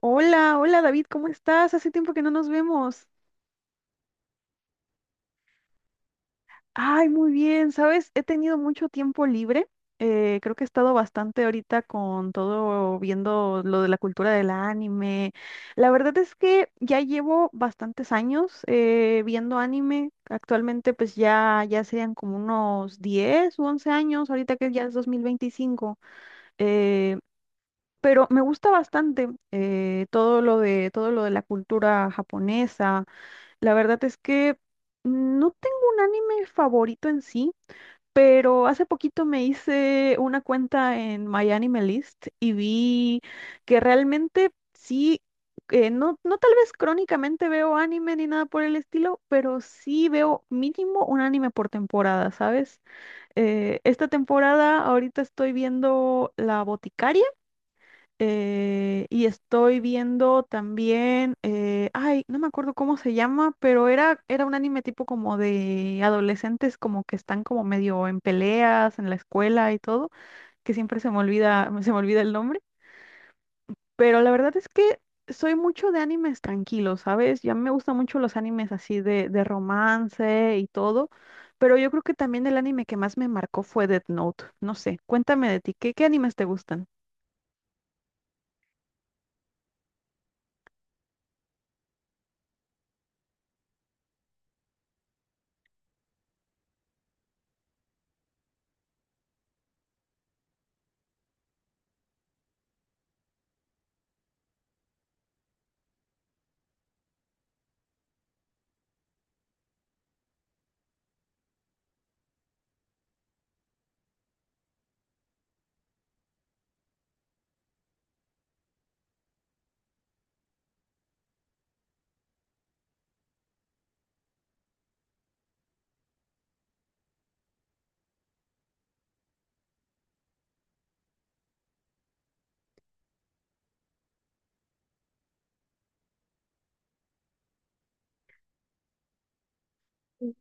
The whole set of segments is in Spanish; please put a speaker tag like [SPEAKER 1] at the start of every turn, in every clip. [SPEAKER 1] Hola, hola David, ¿cómo estás? Hace tiempo que no nos vemos. Ay, muy bien, ¿sabes? He tenido mucho tiempo libre. Creo que he estado bastante ahorita con todo viendo lo de la cultura del anime. La verdad es que ya llevo bastantes años viendo anime. Actualmente pues ya serían como unos 10 u 11 años, ahorita que ya es 2025. eh, pero me gusta bastante todo lo de la cultura japonesa. La verdad es que no tengo un anime favorito en sí, pero hace poquito me hice una cuenta en MyAnimeList y vi que realmente sí, no tal vez crónicamente veo anime ni nada por el estilo, pero sí veo mínimo un anime por temporada, ¿sabes? Esta temporada ahorita estoy viendo La Boticaria, y estoy viendo también, ay, no me acuerdo cómo se llama, pero era un anime tipo como de adolescentes como que están como medio en peleas en la escuela y todo, que siempre se me olvida, se me olvida el nombre, pero la verdad es que soy mucho de animes tranquilos, ¿sabes? Ya me gustan mucho los animes así de romance y todo, pero yo creo que también el anime que más me marcó fue Death Note, no sé, cuéntame de ti, ¿qué animes te gustan?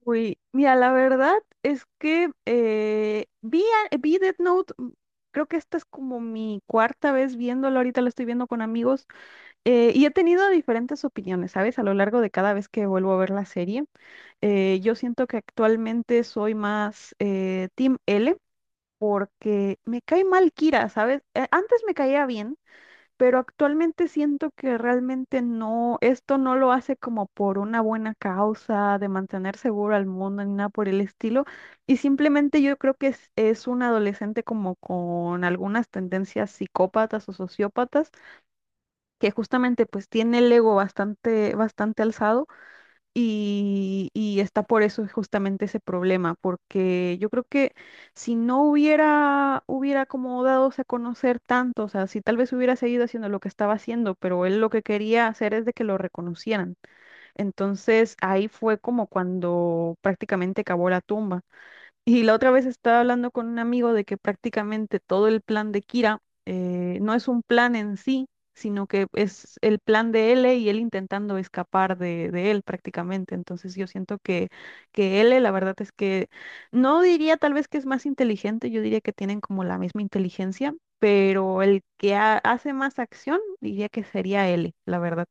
[SPEAKER 1] Uy, mira, la verdad es que vi Death Note, creo que esta es como mi cuarta vez viéndolo, ahorita lo estoy viendo con amigos, y he tenido diferentes opiniones, ¿sabes? A lo largo de cada vez que vuelvo a ver la serie. Yo siento que actualmente soy más Team L porque me cae mal Kira, ¿sabes? Antes me caía bien, pero actualmente siento que realmente no, esto no lo hace como por una buena causa de mantener seguro al mundo ni nada por el estilo, y simplemente yo creo que es un adolescente como con algunas tendencias psicópatas o sociópatas, que justamente pues tiene el ego bastante, bastante alzado y está por eso justamente ese problema, porque yo creo que si no hubiera como dado a conocer tanto, o sea, si tal vez hubiera seguido haciendo lo que estaba haciendo, pero él lo que quería hacer es de que lo reconocieran. Entonces ahí fue como cuando prácticamente cavó la tumba. Y la otra vez estaba hablando con un amigo de que prácticamente todo el plan de Kira no es un plan en sí, sino que es el plan de L y él intentando escapar de él prácticamente. Entonces yo siento que, L, la verdad es que no diría tal vez que es más inteligente, yo diría que tienen como la misma inteligencia, pero el que hace más acción diría que sería L, la verdad.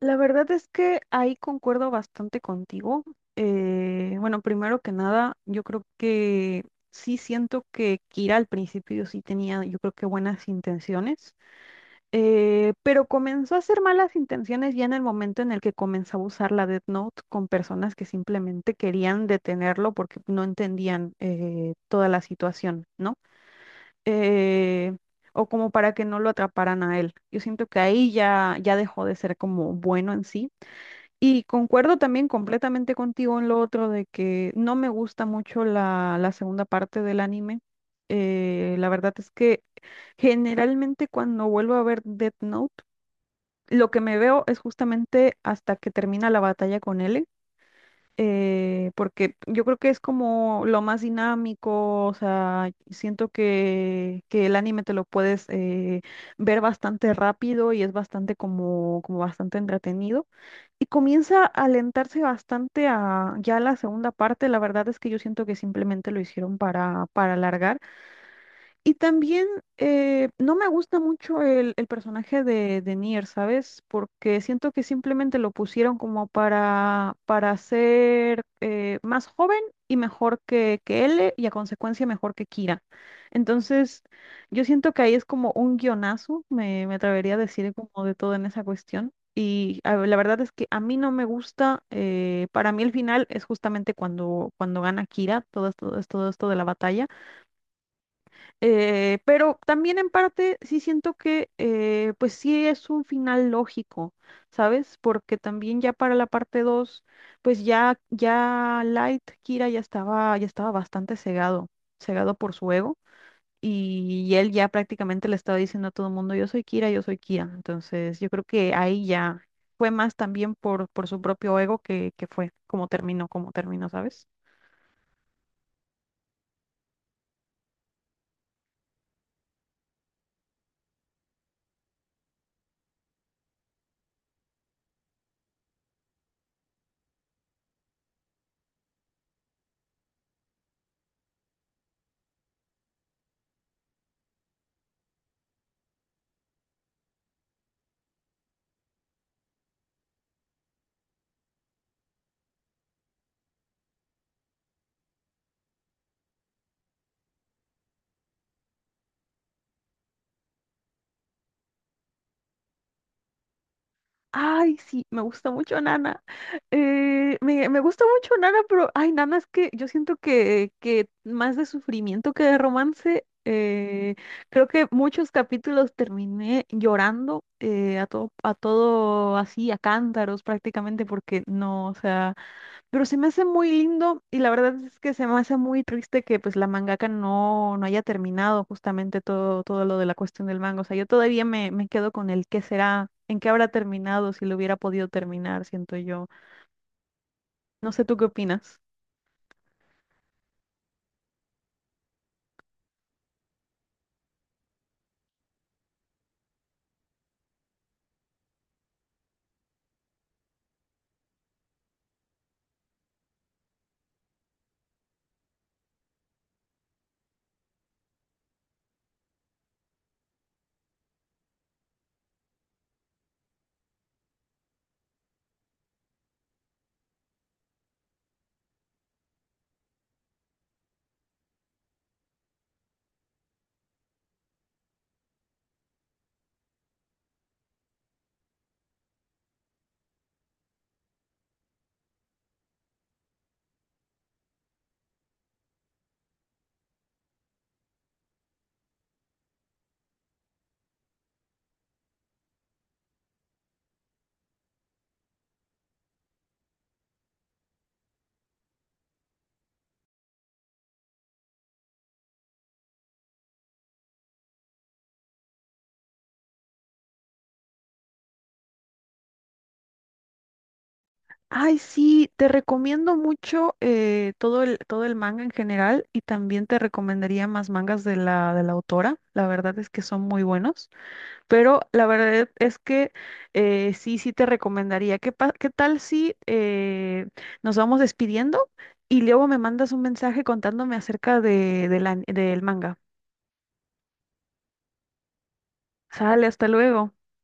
[SPEAKER 1] La verdad es que ahí concuerdo bastante contigo. Bueno, primero que nada, yo creo que sí siento que Kira al principio sí tenía, yo creo que buenas intenciones, pero comenzó a hacer malas intenciones ya en el momento en el que comenzó a usar la Death Note con personas que simplemente querían detenerlo porque no entendían toda la situación, ¿no? Eh, o como para que no lo atraparan a él. Yo siento que ahí ya dejó de ser como bueno en sí. Y concuerdo también completamente contigo en lo otro de que no me gusta mucho la segunda parte del anime. La verdad es que generalmente cuando vuelvo a ver Death Note, lo que me veo es justamente hasta que termina la batalla con L, porque yo creo que es como lo más dinámico, o sea, siento que el anime te lo puedes ver bastante rápido y es bastante como, bastante entretenido. Y comienza a alentarse bastante a ya la segunda parte. La verdad es que yo siento que simplemente lo hicieron para alargar. Y también no me gusta mucho el personaje de Nier, ¿sabes? Porque siento que simplemente lo pusieron como para, ser más joven y mejor que L y a consecuencia mejor que Kira. Entonces, yo siento que ahí es como un guionazo, me atrevería a decir como de todo en esa cuestión. Y a ver, la verdad es que a mí no me gusta, para mí el final es justamente cuando, gana Kira, todo esto de la batalla. Pero también en parte sí siento que pues sí es un final lógico, ¿sabes? Porque también ya para la parte 2 pues ya Light Kira ya estaba, bastante cegado, cegado por su ego. Y él ya prácticamente le estaba diciendo a todo el mundo, yo soy Kira, yo soy Kira. Entonces yo creo que ahí ya fue más también por, su propio ego que fue como terminó, ¿sabes? Ay, sí, me gusta mucho Nana. Me, gusta mucho Nana, pero ay, Nana, es que yo siento que más de sufrimiento que de romance. Creo que muchos capítulos terminé llorando a todo así, a cántaros prácticamente, porque no, o sea. Pero se me hace muy lindo y la verdad es que se me hace muy triste que pues la mangaka no haya terminado justamente todo, lo de la cuestión del manga. O sea, yo todavía me quedo con el qué será, en qué habrá terminado, si lo hubiera podido terminar, siento yo. No sé, ¿tú qué opinas? Ay, sí, te recomiendo mucho todo el manga en general y también te recomendaría más mangas de la autora. La verdad es que son muy buenos. Pero la verdad es que sí, sí te recomendaría. ¿Qué, qué tal si nos vamos despidiendo y luego me mandas un mensaje contándome acerca de del manga? Sale, hasta luego.